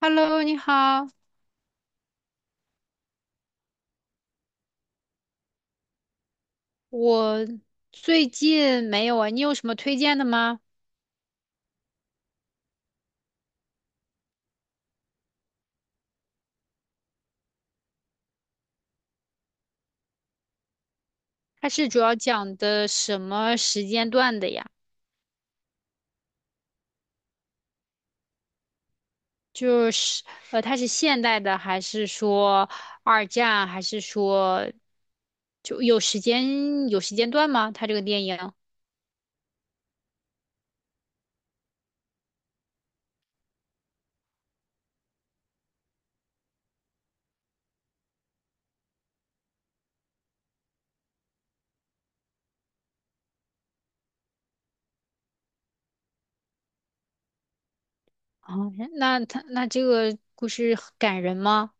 Hello，你好，我最近没有啊，你有什么推荐的吗？它是主要讲的什么时间段的呀？就是它是现代的，还是说二战，还是说就有时间段吗？它这个电影啊，那这个故事很感人吗？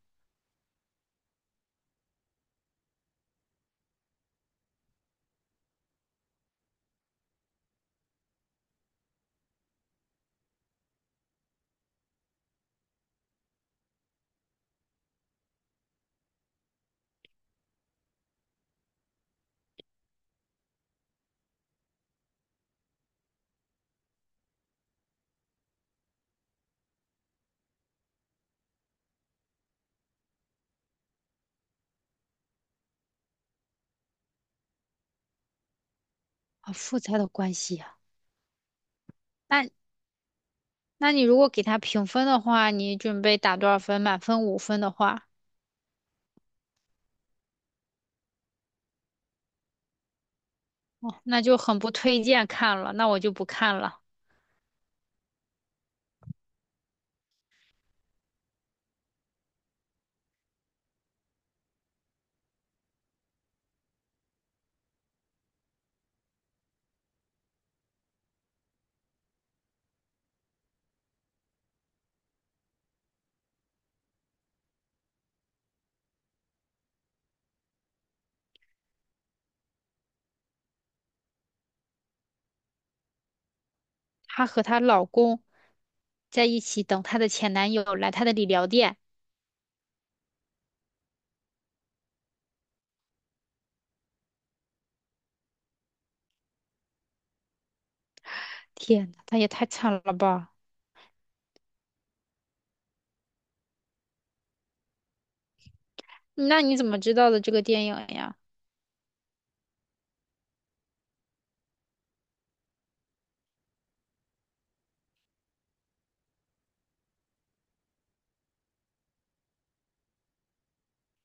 好复杂的关系呀。那那你如果给它评分的话，你准备打多少分？满分五分的话。哦，那就很不推荐看了，那我就不看了。她和她老公在一起等她的前男友来她的理疗店，天呐，她也太惨了吧！那你怎么知道的这个电影呀？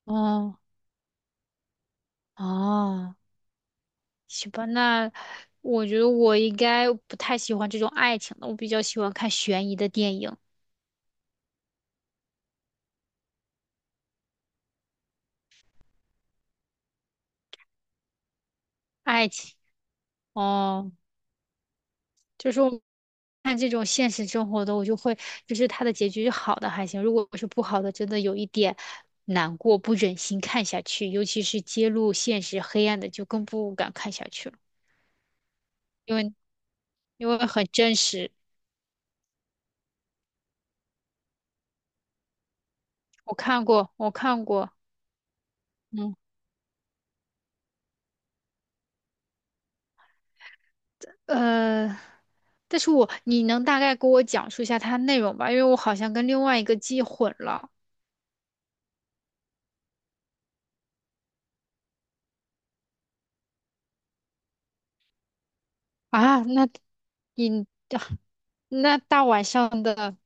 哦哦，行吧，那我觉得我应该不太喜欢这种爱情的，我比较喜欢看悬疑的电影，爱情。哦，就是看这种现实生活的，我就会就是它的结局是好的还行，如果是不好的，真的有一点难过，不忍心看下去，尤其是揭露现实黑暗的，就更不敢看下去了，因为因为很真实。我看过，我看过，嗯，呃，但是我你能大概给我讲述一下它内容吧？因为我好像跟另外一个记混了啊。那你 那大晚上的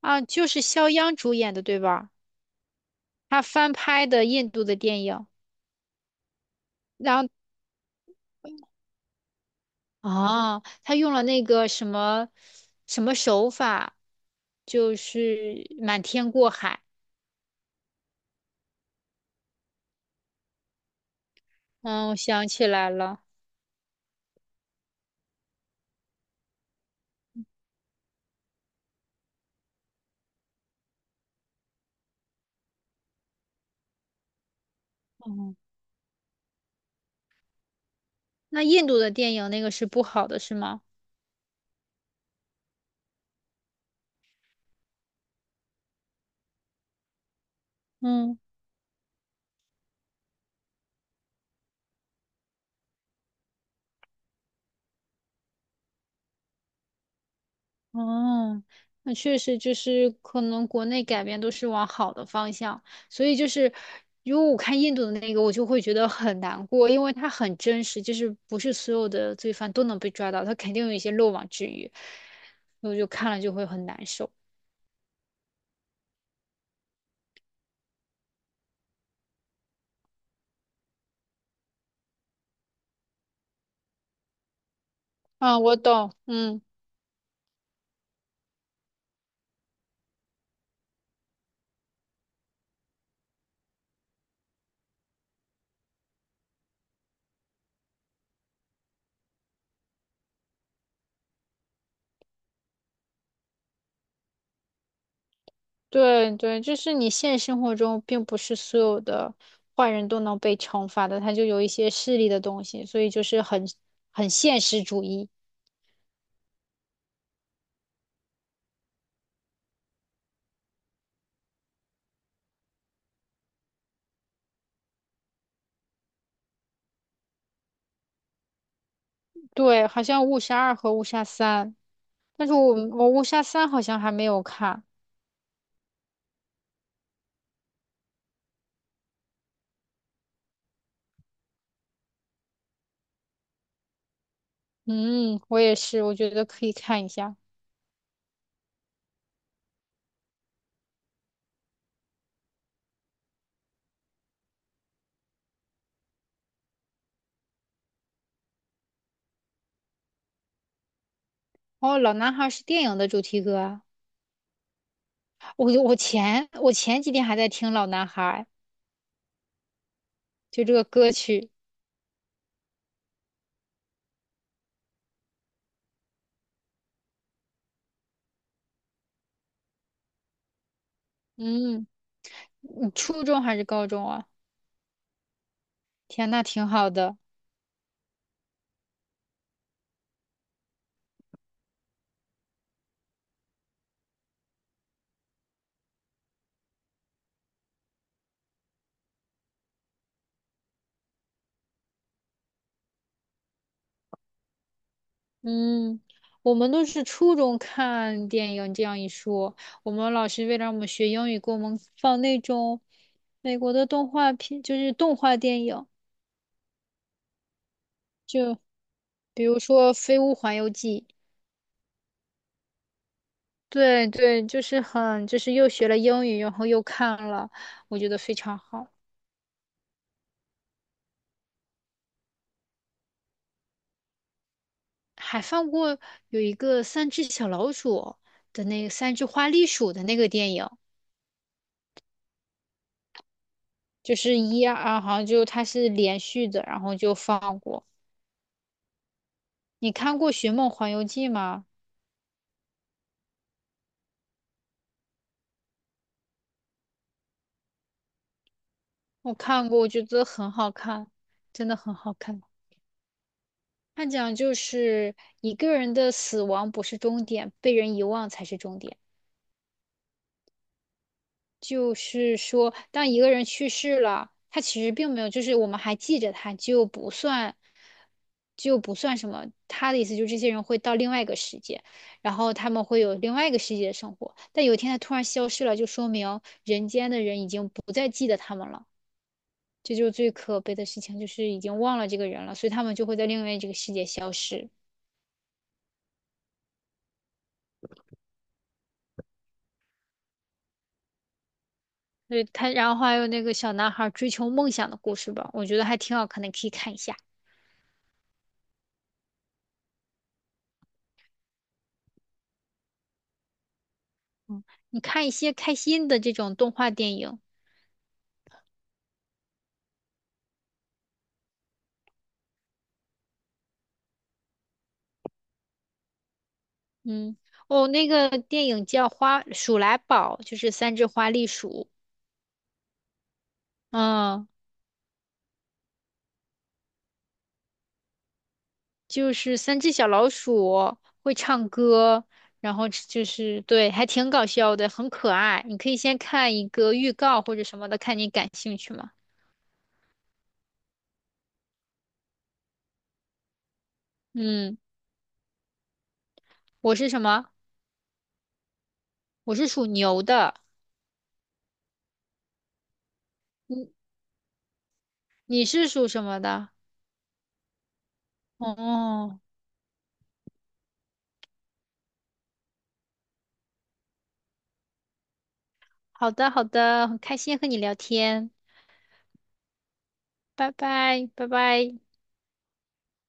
啊，就是肖央主演的，对吧？他翻拍的印度的电影，然后啊，他用了那个什么什么手法，就是瞒天过海。嗯，我想起来了。嗯，那印度的电影那个是不好的，是吗？嗯。哦，那确实就是可能国内改变都是往好的方向，所以就是如果我看印度的那个，我就会觉得很难过，因为它很真实，就是不是所有的罪犯都能被抓到，他肯定有一些漏网之鱼，我就看了就会很难受。啊，我懂，嗯，对对，就是你现实生活中并不是所有的坏人都能被惩罚的，他就有一些势力的东西，所以就是很现实主义。对，好像《误杀二》和《误杀三》，但是我《误杀三》好像还没有看。嗯，我也是，我觉得可以看一下。哦，《老男孩》是电影的主题歌啊！我前几天还在听《老男孩》，就这个歌曲。嗯，你初中还是高中啊？天，那挺好的。嗯，我们都是初中看电影，这样一说，我们老师为了让我们学英语，给我们放那种美国的动画片，就是动画电影。比如说《飞屋环游记》，对对，就是很，就是又学了英语，然后又看了，我觉得非常好。还放过有一个三只小老鼠的那个三只花栗鼠的那个电影，就是一二，啊好像就它是连续的，然后就放过。你看过《寻梦环游记》吗？我看过，我觉得很好看，真的很好看。它讲就是一个人的死亡不是终点，被人遗忘才是终点。就是说，当一个人去世了，他其实并没有，就是我们还记着他，就不算什么。他的意思就是，这些人会到另外一个世界，然后他们会有另外一个世界的生活。但有一天他突然消失了，就说明人间的人已经不再记得他们了。这就是最可悲的事情，就是已经忘了这个人了，所以他们就会在另外这个世界消失。对他，然后还有那个小男孩追求梦想的故事吧，我觉得还挺好看的，可以看一下。你看一些开心的这种动画电影，嗯，哦，那个电影叫《花鼠来宝》，就是三只花栗鼠，嗯，就是三只小老鼠会唱歌，然后就是对，还挺搞笑的，很可爱。你可以先看一个预告或者什么的，看你感兴趣吗？嗯，我是什么？我是属牛的，你你是属什么的？哦，好的好的，很开心和你聊天，拜拜拜拜。